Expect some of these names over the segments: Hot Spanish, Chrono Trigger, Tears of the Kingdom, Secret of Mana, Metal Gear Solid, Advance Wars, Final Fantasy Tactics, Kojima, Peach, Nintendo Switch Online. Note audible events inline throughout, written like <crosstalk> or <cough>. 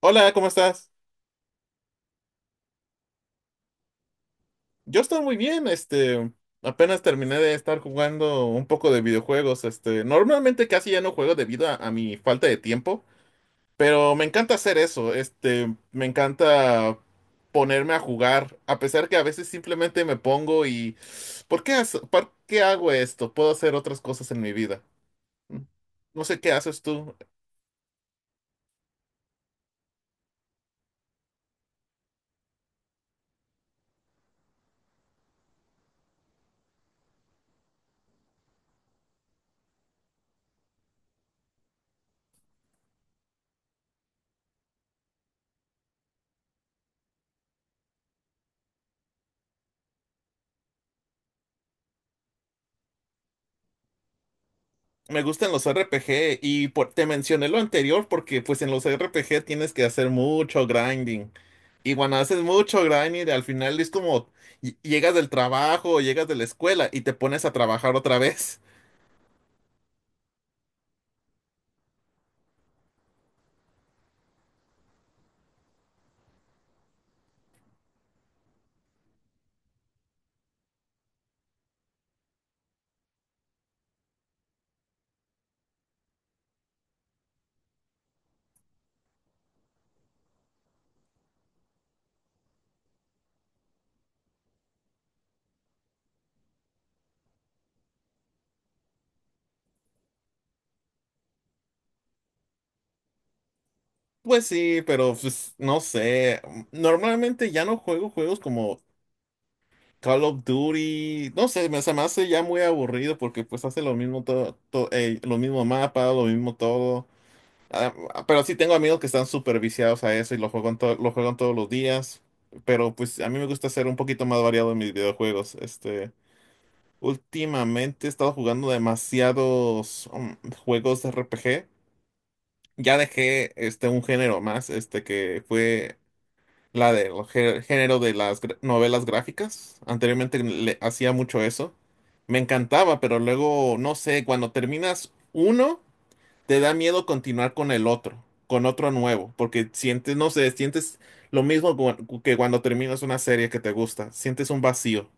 Hola, ¿cómo estás? Yo estoy muy bien, apenas terminé de estar jugando un poco de videojuegos, normalmente casi ya no juego debido a mi falta de tiempo, pero me encanta hacer eso, me encanta ponerme a jugar, a pesar que a veces simplemente me pongo y, ¿ por qué hago esto? Puedo hacer otras cosas en mi vida. No sé qué haces tú. Me gustan los RPG te mencioné lo anterior porque pues en los RPG tienes que hacer mucho grinding. Y cuando haces mucho grinding, al final es como llegas del trabajo, o llegas de la escuela y te pones a trabajar otra vez. <laughs> Pues sí, pero pues no sé. Normalmente ya no juego juegos como Call of Duty. No sé, se me hace ya muy aburrido porque pues hace lo mismo todo, lo mismo mapa, lo mismo todo. Ah, pero sí tengo amigos que están súper viciados a eso y lo juegan, lo juegan todos los días. Pero pues a mí me gusta ser un poquito más variado en mis videojuegos. Últimamente he estado jugando demasiados juegos de RPG. Ya dejé un género más, este que fue la del género de las novelas gráficas. Anteriormente le hacía mucho eso. Me encantaba, pero luego, no sé, cuando terminas uno te da miedo continuar con el otro, con otro nuevo, porque sientes, no sé, sientes lo mismo que cuando terminas una serie que te gusta, sientes un vacío.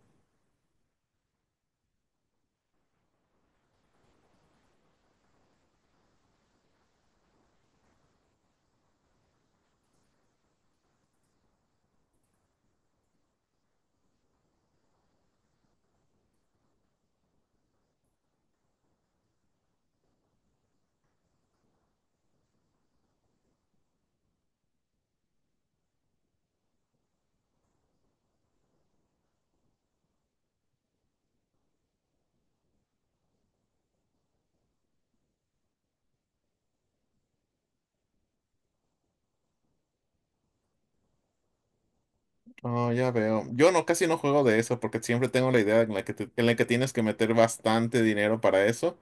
Oh, ya veo. Yo no, casi no juego de eso porque siempre tengo la idea en la que, en la que tienes que meter bastante dinero para eso,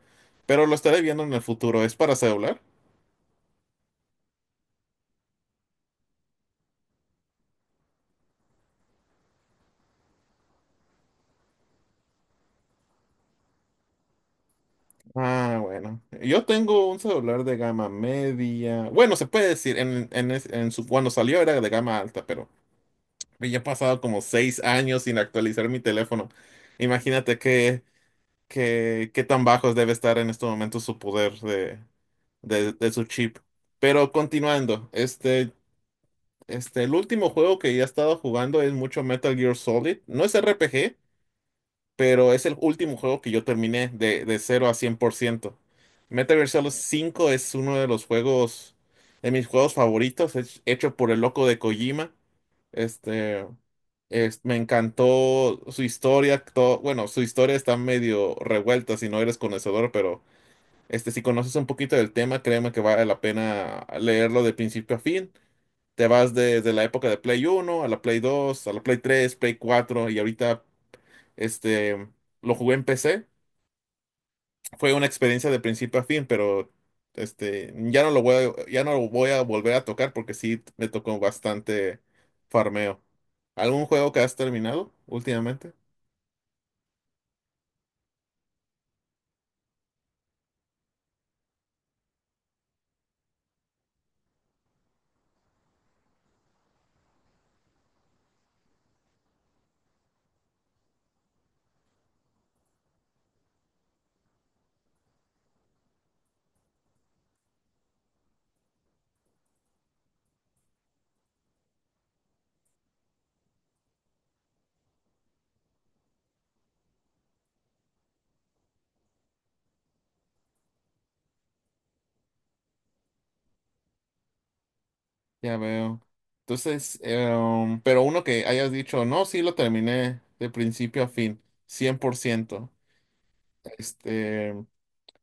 pero lo estaré viendo en el futuro. ¿Es para celular? Ah, bueno. Yo tengo un celular de gama media. Bueno, se puede decir, en su, cuando salió era de gama alta, pero ya he pasado como seis años sin actualizar mi teléfono. Imagínate qué tan bajos debe estar en este momento su poder de su chip. Pero continuando, el último juego que ya he estado jugando es mucho Metal Gear Solid. No es RPG, pero es el último juego que yo terminé de cero a 100%. Metal Gear Solid 5 es uno de los juegos, de mis juegos favoritos, es hecho por el loco de Kojima. Este, Me encantó su historia. Bueno, su historia está medio revuelta si no eres conocedor, pero si conoces un poquito del tema, créeme que vale la pena leerlo de principio a fin. Te vas desde la época de Play uno a la Play 2 a la Play 3 Play 4 y ahorita este, lo jugué en PC. Fue una experiencia de principio a fin, pero ya no lo voy a volver a tocar porque sí me tocó bastante farmeo. ¿Algún juego que has terminado últimamente? Ya veo. Entonces, pero uno que hayas dicho, no, sí lo terminé de principio a fin, 100%. Este,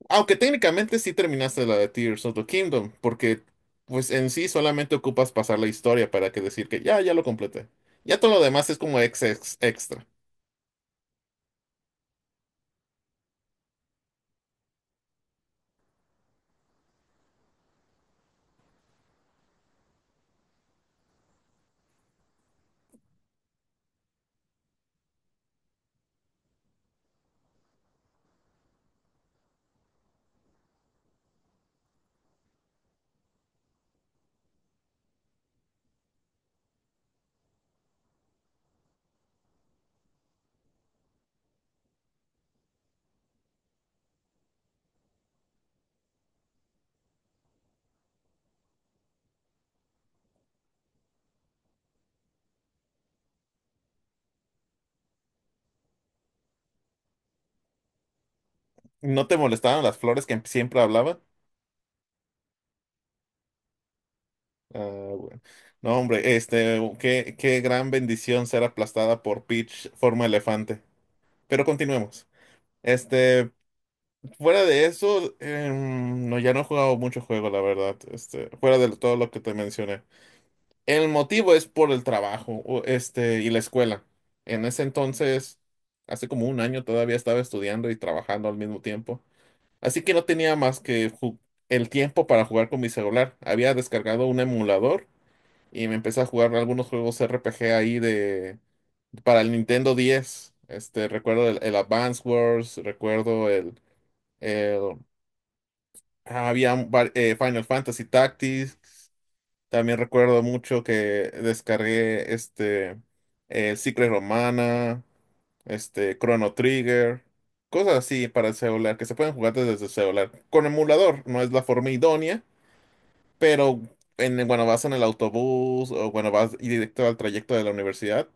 Aunque técnicamente sí terminaste la de Tears of the Kingdom, porque pues en sí solamente ocupas pasar la historia para que decir que ya lo completé. Ya todo lo demás es como extra. ¿No te molestaron las flores que siempre hablaba? Ah, bueno. No, hombre, qué gran bendición ser aplastada por Peach forma elefante. Pero continuemos. Este, Fuera de eso, no, ya no he jugado mucho juego, la verdad. Fuera de todo lo que te mencioné. El motivo es por el trabajo, y la escuela. En ese entonces, hace como un año todavía estaba estudiando y trabajando al mismo tiempo. Así que no tenía más que el tiempo para jugar con mi celular. Había descargado un emulador y me empecé a jugar algunos juegos RPG ahí de para el Nintendo 10. Recuerdo el Advance Wars, recuerdo el- ah, había Final Fantasy Tactics, también recuerdo mucho que descargué Secret Romana, Chrono Trigger, cosas así para el celular que se pueden jugar desde el celular. Con emulador no es la forma idónea, pero cuando vas en el autobús o cuando vas directo al trayecto de la universidad,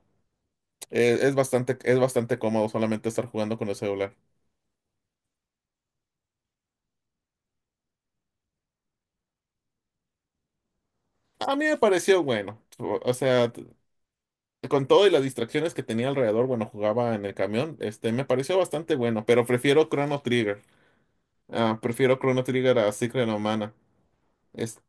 es bastante cómodo solamente estar jugando con el celular. A mí me pareció bueno, o sea, con todo y las distracciones que tenía alrededor, bueno, jugaba en el camión, me pareció bastante bueno, pero prefiero Chrono Trigger. Ah, prefiero Chrono Trigger a Secret of Mana. Es,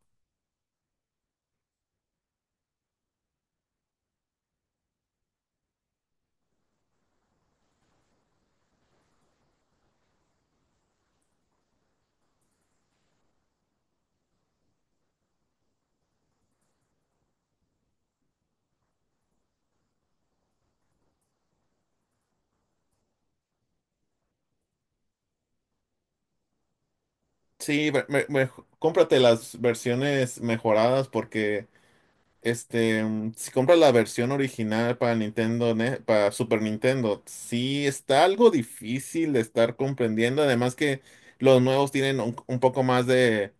sí, cómprate las versiones mejoradas porque si compras la versión original para para Super Nintendo, sí está algo difícil de estar comprendiendo. Además que los nuevos tienen un poco más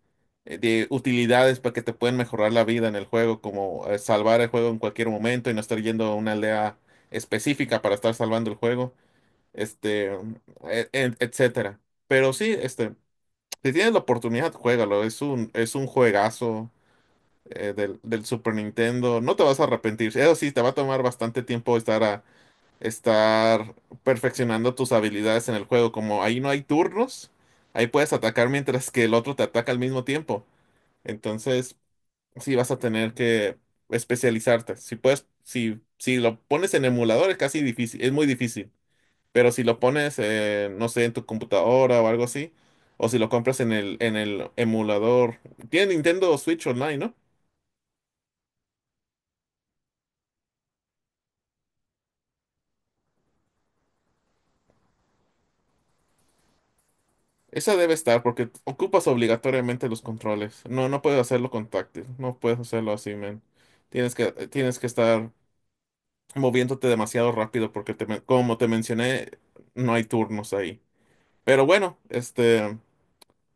de utilidades para que te pueden mejorar la vida en el juego, como salvar el juego en cualquier momento y no estar yendo a una aldea específica para estar salvando el juego, este, mm, etcétera. Pero sí, si tienes la oportunidad, juégalo. Es un juegazo del Super Nintendo. No te vas a arrepentir. Eso sí, te va a tomar bastante tiempo estar perfeccionando tus habilidades en el juego. Como ahí no hay turnos, ahí puedes atacar mientras que el otro te ataca al mismo tiempo. Entonces, sí vas a tener que especializarte. Si puedes, si lo pones en emulador es casi difícil, es muy difícil. Pero si lo pones, no sé, en tu computadora o algo así, o si lo compras en en el emulador. Tiene Nintendo Switch Online, ¿no? Esa debe estar porque ocupas obligatoriamente los controles. No, no puedes hacerlo con táctil. No puedes hacerlo así, man. Tienes que estar moviéndote demasiado rápido porque como te mencioné, no hay turnos ahí. Pero bueno,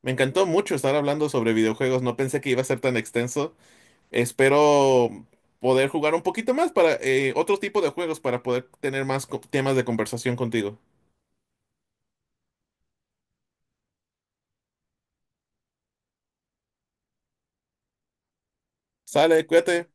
me encantó mucho estar hablando sobre videojuegos. No pensé que iba a ser tan extenso. Espero poder jugar un poquito más para otro tipo de juegos para poder tener más temas de conversación contigo. Sale, cuídate.